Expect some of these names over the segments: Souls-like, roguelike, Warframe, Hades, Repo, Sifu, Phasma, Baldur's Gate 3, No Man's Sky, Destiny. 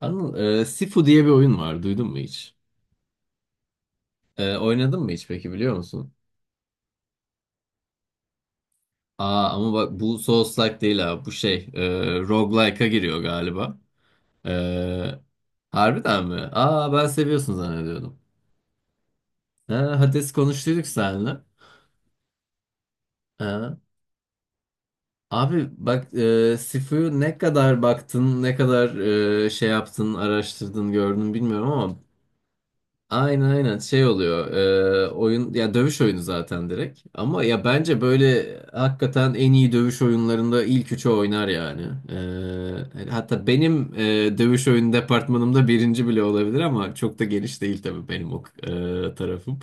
Anıl, Sifu diye bir oyun var. Duydun mu hiç? Oynadın mı hiç peki, biliyor musun? Aa ama bak, bu Souls-like değil ha. Bu roguelike'a giriyor galiba. E, harbiden mi? Aa, ben seviyorsun zannediyordum. Ha, Hades konuştuyduk seninle. Ha. Abi bak, Sifu'yu ne kadar baktın, ne kadar araştırdın, gördün bilmiyorum ama aynen şey oluyor. Oyun ya dövüş oyunu zaten direkt, ama ya bence böyle hakikaten en iyi dövüş oyunlarında ilk üçü oynar yani. E, hatta benim dövüş oyunu departmanımda birinci bile olabilir, ama çok da geniş değil tabii benim o tarafım.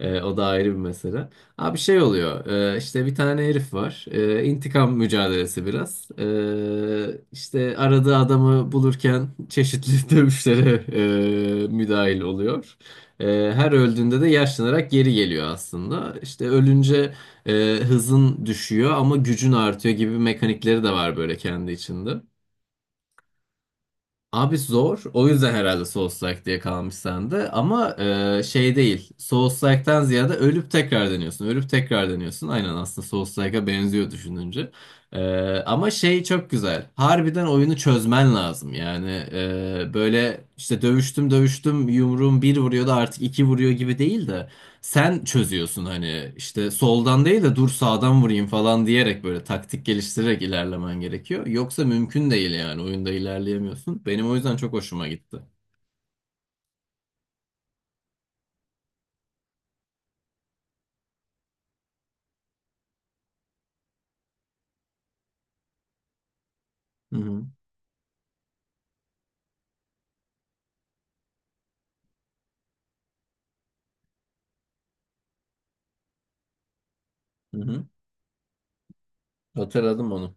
O da ayrı bir mesele. Abi şey oluyor, işte bir tane herif var. İntikam mücadelesi biraz. İşte aradığı adamı bulurken çeşitli dövüşlere müdahil oluyor. E, her öldüğünde de yaşlanarak geri geliyor aslında. İşte ölünce hızın düşüyor ama gücün artıyor gibi mekanikleri de var böyle kendi içinde. Abi zor. O yüzden herhalde Souls-like diye kalmış sende. Ama şey değil. Souls-like'tan ziyade ölüp tekrar deniyorsun. Ölüp tekrar deniyorsun. Aynen, aslında Souls-like'a benziyor düşününce. E, ama şey çok güzel. Harbiden oyunu çözmen lazım. Yani böyle işte dövüştüm dövüştüm yumruğum bir vuruyordu artık iki vuruyor gibi değil de. Sen çözüyorsun, hani işte soldan değil de dur sağdan vurayım falan diyerek böyle taktik geliştirerek ilerlemen gerekiyor. Yoksa mümkün değil, yani oyunda ilerleyemiyorsun. Benim o yüzden çok hoşuma gitti. Hı hı. Hı hı. Hatırladım onu.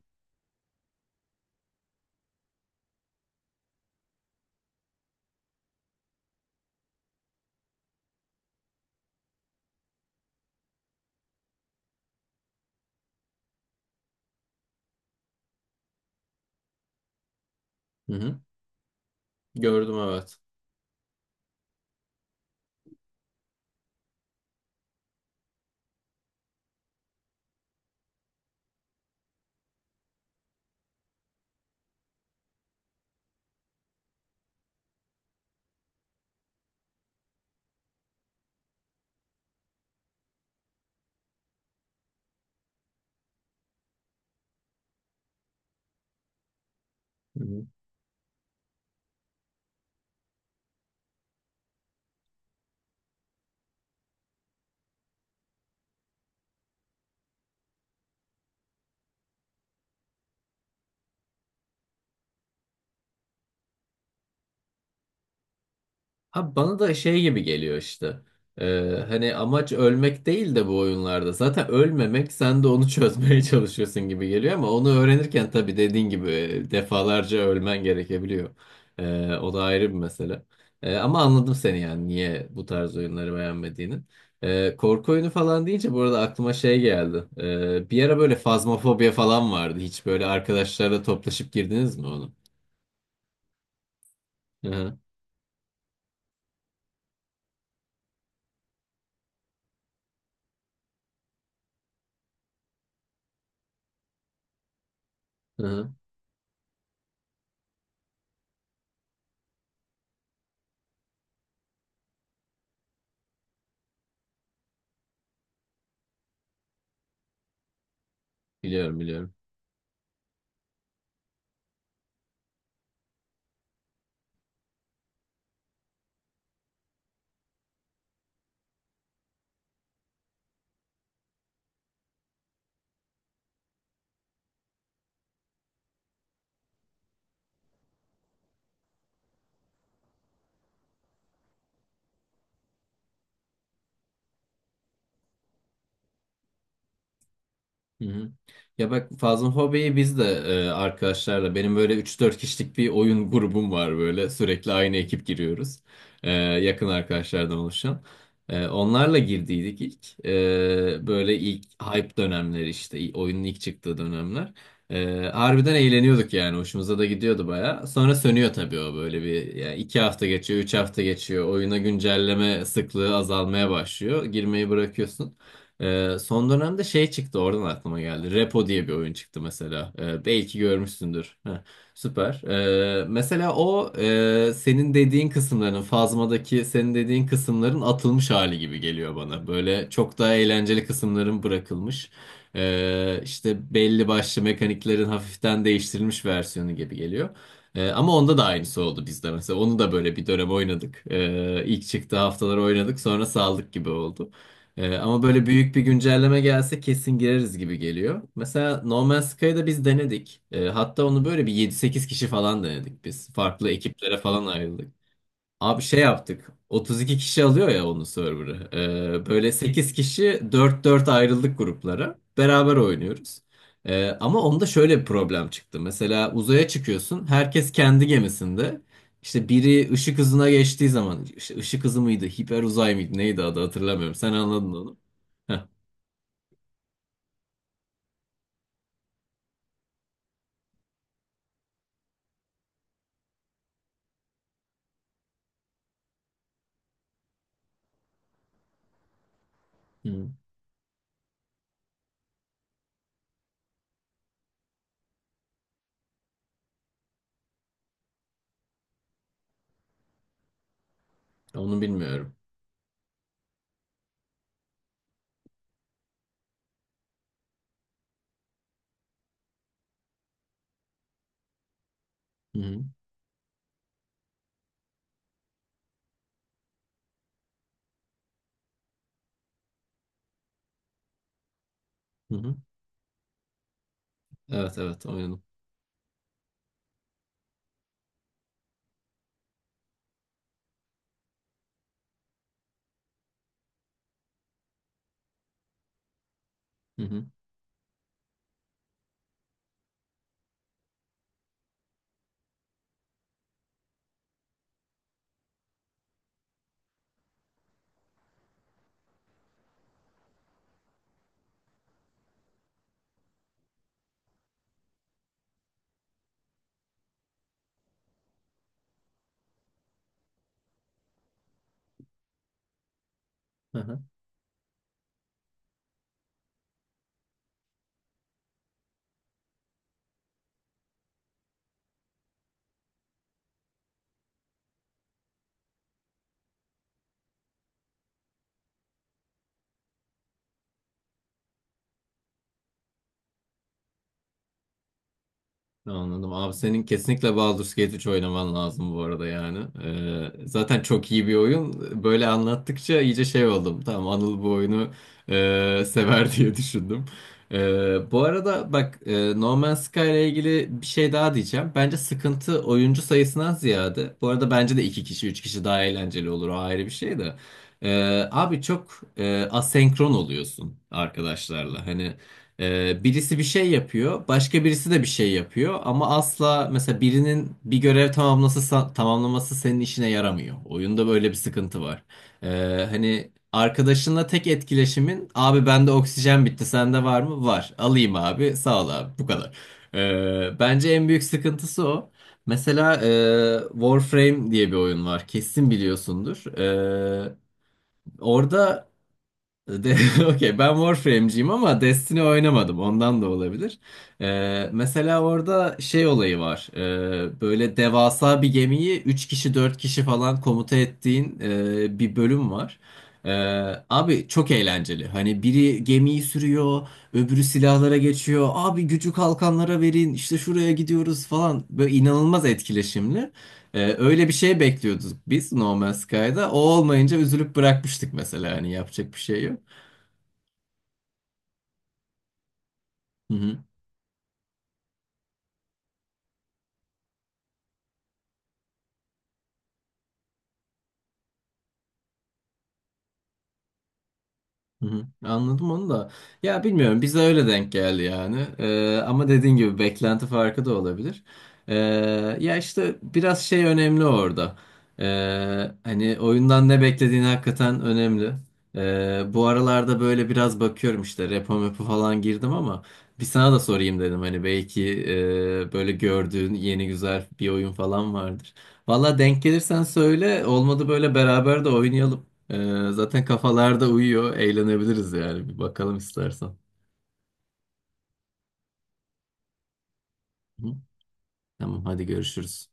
Hı hı. Gördüm, evet. Hı hı. Ha, bana da şey gibi geliyor işte. Hani amaç ölmek değil de bu oyunlarda. Zaten ölmemek, sen de onu çözmeye çalışıyorsun gibi geliyor, ama onu öğrenirken tabii dediğin gibi defalarca ölmen gerekebiliyor. O da ayrı bir mesele. Ama anladım seni, yani niye bu tarz oyunları beğenmediğini. Korku oyunu falan deyince bu arada aklıma şey geldi. Bir ara böyle fazmafobya falan vardı. Hiç böyle arkadaşlarla toplaşıp girdiniz mi onu? Hı hı. Hı hı. Biliyorum, biliyorum. Hı hı. Ya bak Fazıl, hobiyi biz de arkadaşlarla, benim böyle üç dört kişilik bir oyun grubum var, böyle sürekli aynı ekip giriyoruz. Yakın arkadaşlardan oluşan. Onlarla girdiydik ilk. Böyle ilk hype dönemleri, işte oyunun ilk çıktığı dönemler. E, harbiden eğleniyorduk yani, hoşumuza da gidiyordu baya. Sonra sönüyor tabii o, böyle bir yani 2 hafta geçiyor, 3 hafta geçiyor, oyuna güncelleme sıklığı azalmaya başlıyor. Girmeyi bırakıyorsun. Son dönemde şey çıktı, oradan aklıma geldi. Repo diye bir oyun çıktı mesela. Belki görmüşsündür. Heh, süper. Mesela o, senin dediğin kısımların Phasma'daki senin dediğin kısımların atılmış hali gibi geliyor bana. Böyle çok daha eğlenceli kısımların bırakılmış. İşte belli başlı mekaniklerin hafiften değiştirilmiş versiyonu gibi geliyor. Ama onda da aynısı oldu bizde mesela. Onu da böyle bir dönem oynadık. İlk çıktığı haftalar oynadık, sonra saldık gibi oldu. Ama böyle büyük bir güncelleme gelse kesin gireriz gibi geliyor. Mesela No Man's Sky'ı da biz denedik. Hatta onu böyle bir yedi sekiz kişi falan denedik biz. Farklı ekiplere falan ayrıldık. Abi şey yaptık. 32 kişi alıyor ya onun server'ı. Böyle 8 kişi dört dört ayrıldık gruplara. Beraber oynuyoruz. Ama onda şöyle bir problem çıktı. Mesela uzaya çıkıyorsun. Herkes kendi gemisinde. İşte biri ışık hızına geçtiği zaman, işte ışık hızı mıydı, hiper uzay mıydı, neydi adı, hatırlamıyorum. Sen anladın onu. Hı. Onu bilmiyorum. Hı hı. Hı hı. Evet, evet, oynadım. Hı hı. Hı, anladım. Abi senin kesinlikle Baldur's Gate 3 oynaman lazım bu arada yani. Zaten çok iyi bir oyun. Böyle anlattıkça iyice şey oldum. Tamam Anıl bu oyunu sever diye düşündüm. Bu arada bak, No Man's Sky ile ilgili bir şey daha diyeceğim. Bence sıkıntı oyuncu sayısından ziyade. Bu arada bence de iki kişi üç kişi daha eğlenceli olur. O ayrı bir şey de. Abi çok asenkron oluyorsun arkadaşlarla. Hani birisi bir şey yapıyor, başka birisi de bir şey yapıyor, ama asla mesela birinin bir görev tamamlası tamamlaması senin işine yaramıyor. Oyunda böyle bir sıkıntı var. Hani arkadaşınla tek etkileşimin, abi bende oksijen bitti, sende var mı? Var. Alayım abi. Sağ ol abi. Bu kadar. Bence en büyük sıkıntısı o. Mesela Warframe diye bir oyun var. Kesin biliyorsundur. Orada de- okey, ben Warframe'ciyim ama Destiny oynamadım, ondan da olabilir. Mesela orada şey olayı var. Böyle devasa bir gemiyi 3 kişi 4 kişi falan komuta ettiğin bir bölüm var. Ee, abi çok eğlenceli. Hani biri gemiyi sürüyor, öbürü silahlara geçiyor. Abi gücü kalkanlara verin, işte şuraya gidiyoruz falan. Böyle inanılmaz etkileşimli. Öyle bir şey bekliyorduk biz No Man's Sky'da. O olmayınca üzülüp bırakmıştık mesela. Hani yapacak bir şey yok. Hı hı, hı hı. Anladım onu da. Ya bilmiyorum, bize öyle denk geldi yani. Ama dediğin gibi beklenti farkı da olabilir. Ee, ya işte biraz şey önemli orada. Hani oyundan ne beklediğin hakikaten önemli. Bu aralarda böyle biraz bakıyorum, işte repo mepo falan girdim ama bir sana da sorayım dedim, hani belki böyle gördüğün yeni güzel bir oyun falan vardır. Valla denk gelirsen söyle, olmadı böyle beraber de oynayalım. Zaten kafalarda uyuyor. Eğlenebiliriz yani. Bir bakalım istersen. Hı? Tamam, hadi görüşürüz.